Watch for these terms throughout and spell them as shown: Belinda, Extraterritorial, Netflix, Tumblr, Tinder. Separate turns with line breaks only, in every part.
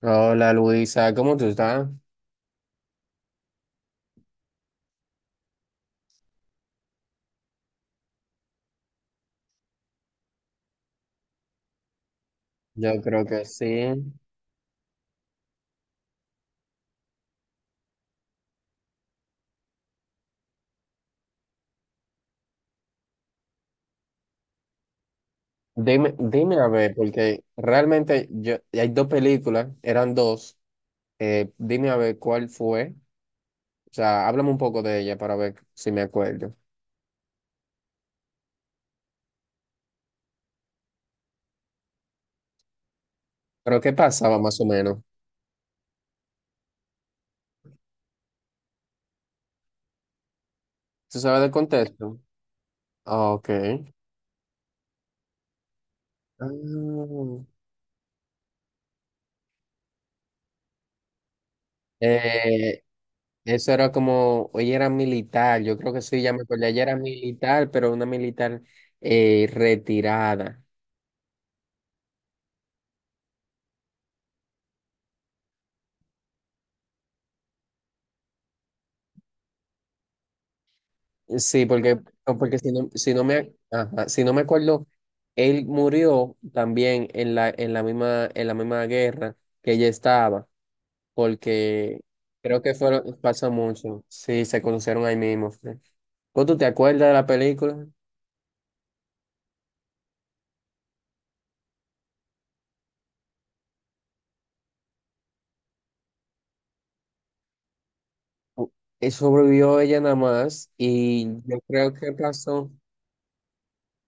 Hola Luisa, ¿cómo tú estás? Yo creo que sí. Dime, dime a ver, porque realmente yo, hay dos películas, eran dos. Dime a ver cuál fue. O sea, háblame un poco de ella para ver si me acuerdo. Pero ¿qué pasaba más o menos? ¿Tú sabes del contexto? Ah, ok. Ah, eh, eso era como, ella era militar, yo creo que sí, ya me acuerdo. Ella era militar, pero una militar retirada. Sí, porque, no, porque si no, si no me, ajá, si no me acuerdo, él murió también en la, en la misma guerra que ella estaba, porque creo que fueron, pasa mucho. Sí, se conocieron ahí mismo. ¿Vos tú te acuerdas de la película? U- Sobrevivió ella nada más y yo creo que pasó.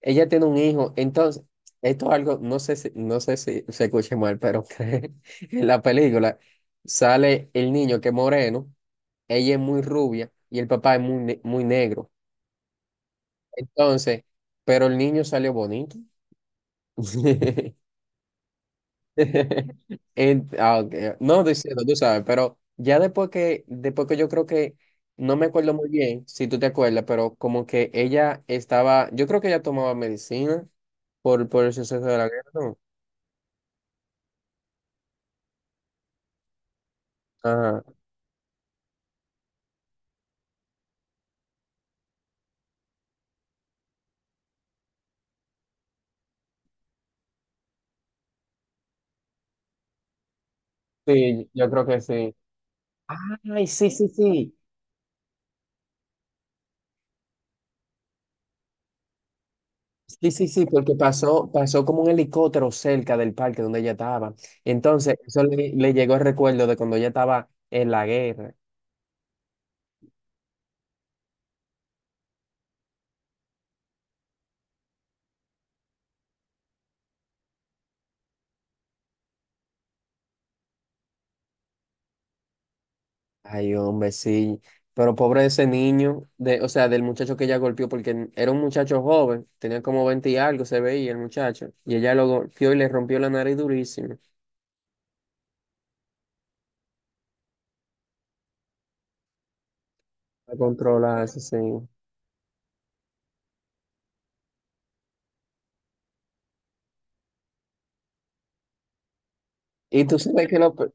Ella tiene un hijo, entonces, esto es algo, no sé si se escuche mal, pero que en la película sale el niño que es moreno, ella es muy rubia y el papá es muy negro. Entonces, pero el niño salió bonito. Ah, ok, no diciendo, tú sabes, pero ya después que yo creo que, no me acuerdo muy bien, si tú te acuerdas, pero como que ella estaba, yo creo que ella tomaba medicina por el suceso de la guerra, ¿no? Ajá. Sí, yo creo que sí. Ay, sí, sí, sí. Sí, sí, sí, porque pasó, pasó como un helicóptero cerca del parque donde ella estaba. Entonces, eso le llegó el recuerdo de cuando ella estaba en la guerra. Ay, hombre, sí. Pero pobre ese niño, o sea, del muchacho que ella golpeó, porque era un muchacho joven, tenía como 20 y algo, se veía el muchacho. Y ella lo golpeó y le rompió la nariz durísimo. A controlarse, sí. Sí. Y tú sabes que lo,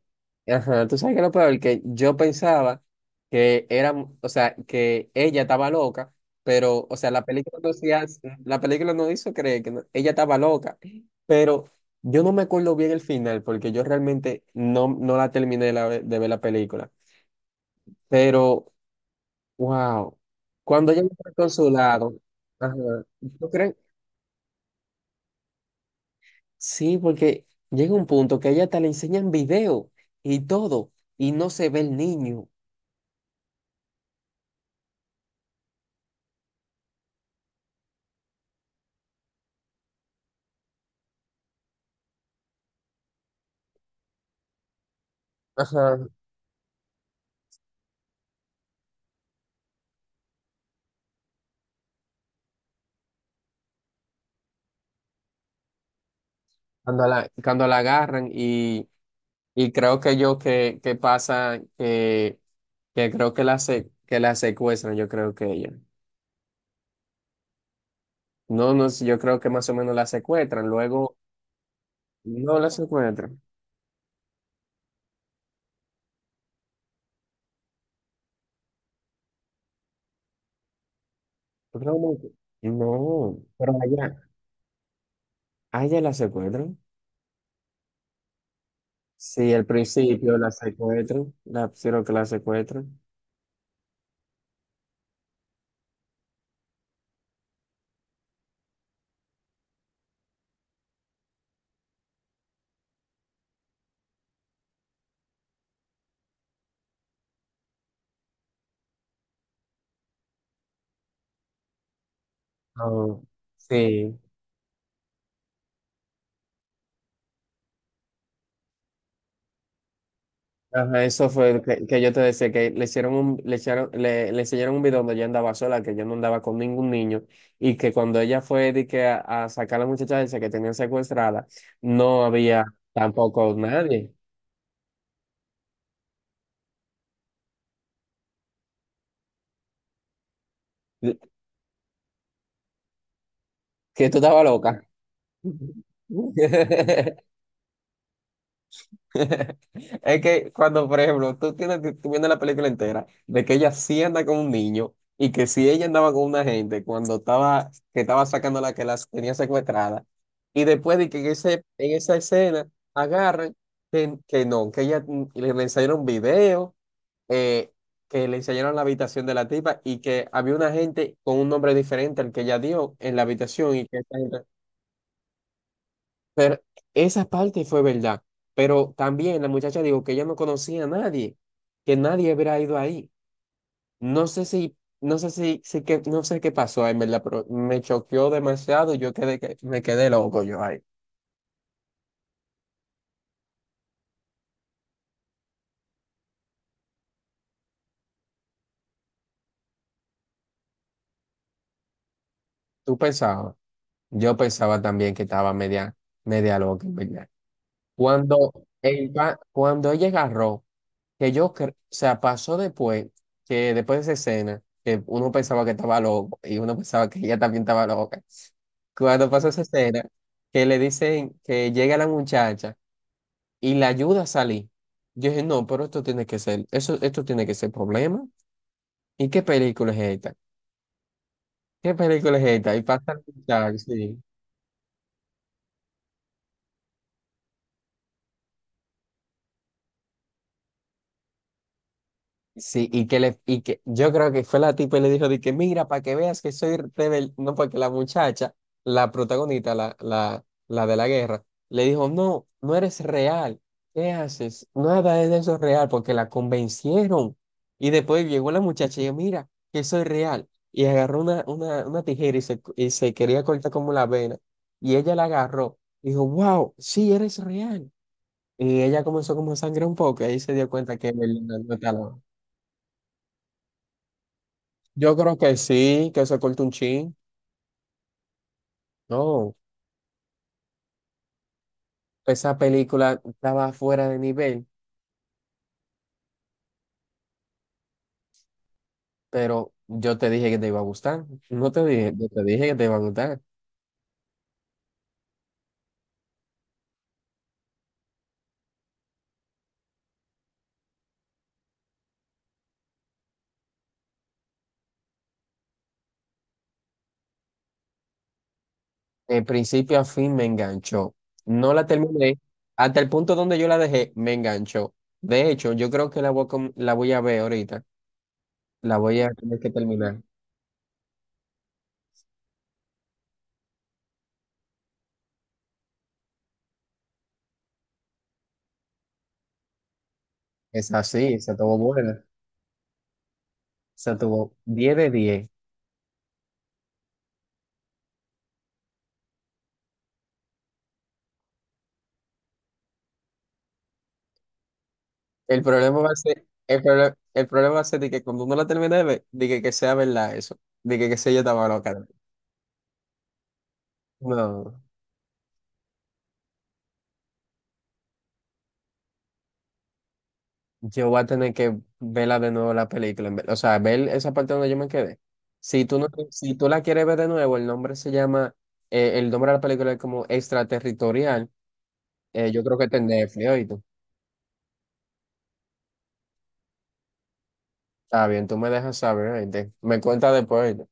ajá, tú sabes que lo peor, que yo pensaba que era, o sea, que ella estaba loca, pero, o sea, la película no hizo creer que ella estaba loca, pero yo no me acuerdo bien el final, porque yo realmente no la terminé de ver la película, pero, wow, cuando ella está con su lado, ajá, ¿tú crees? Sí, porque llega un punto que a ella hasta le enseñan video y todo, y no se ve el niño. Ajá, cuando la agarran y creo que yo que, que pasa que creo que que la secuestran, yo creo que ella. No, no, sé, yo creo que más o menos la secuestran, luego no la secuestran. Yo creo como que- No, pero allá, allá la secuestran. Sí, al principio la secuestran, la, creo que la secuestran. No, sí. Ajá, eso fue el que yo te decía, que le hicieron un, le echaron, le enseñaron un video donde ella andaba sola, que ella no andaba con ningún niño, y que cuando ella fue de que a sacar a la muchacha esa que tenían secuestrada, no había tampoco nadie. Que tú estabas loca. Es que cuando, por ejemplo, tú viendo la película entera de que ella sí anda con un niño y que si ella andaba con una gente cuando estaba, que estaba sacando la que las tenía secuestrada y después de que en, ese, en esa escena agarran que no, que ella le enseñaron video, eh, que le enseñaron la habitación de la tipa y que había una gente con un nombre diferente al que ella dio en la habitación y que pero esa parte fue verdad. Pero también la muchacha dijo que ella no conocía a nadie, que nadie hubiera ido ahí. no sé si si que, no sé qué pasó, en verdad, pero me choqueó demasiado y yo quedé, me quedé loco yo ahí. ¿Tú pensabas? Yo pensaba también que estaba media, media loca, en verdad. Cuando, cuando ella agarró que o sea, pasó después, que después de esa escena, que uno pensaba que estaba loco y uno pensaba que ella también estaba loca. Cuando pasó esa escena, que le dicen que llega la muchacha y la ayuda a salir. Yo dije, no, pero esto tiene que ser, eso, esto tiene que ser problema. ¿Y qué película es esta? ¿Qué película es esta? Y pasa la muchacha, sí. Sí, y que le, y que yo creo que fue la tipa y le dijo de que mira, para que veas que soy rebelde, no, porque la muchacha, la protagonista, la de la guerra, le dijo, no, no eres real, ¿qué haces? Nada de eso es real, porque la convencieron. Y después llegó la muchacha y dijo, mira, que soy real. Y agarró una tijera y y se quería cortar como la vena. Y ella la agarró, dijo, wow, sí, eres real. Y ella comenzó como a sangrar un poco, y ahí se dio cuenta que Belinda no estaba. Yo creo que sí, que se corta un chin. No, esa película estaba fuera de nivel, pero yo te dije que te iba a gustar. No te dije, yo te dije que te iba a gustar. De principio a fin me enganchó. No la terminé. Hasta el punto donde yo la dejé, me enganchó. De hecho, yo creo que la voy a, la voy a ver ahorita. La voy a tener que terminar. Es así, se tuvo buena. Se tuvo 10 de 10. El problema va a ser, el problema va a ser de que cuando uno la termine de ver, de que sea verdad eso, de que sea yo estaba loca. No, yo voy a tener que verla de nuevo la película, o sea, ver esa parte donde yo me quedé. Si tú la quieres ver de nuevo, el nombre se llama, el nombre de la película es como Extraterritorial, yo creo que está en Netflix, ¿oíste? Está bien, tú me dejas saber, ¿oíste? Me cuenta después, ¿oíste?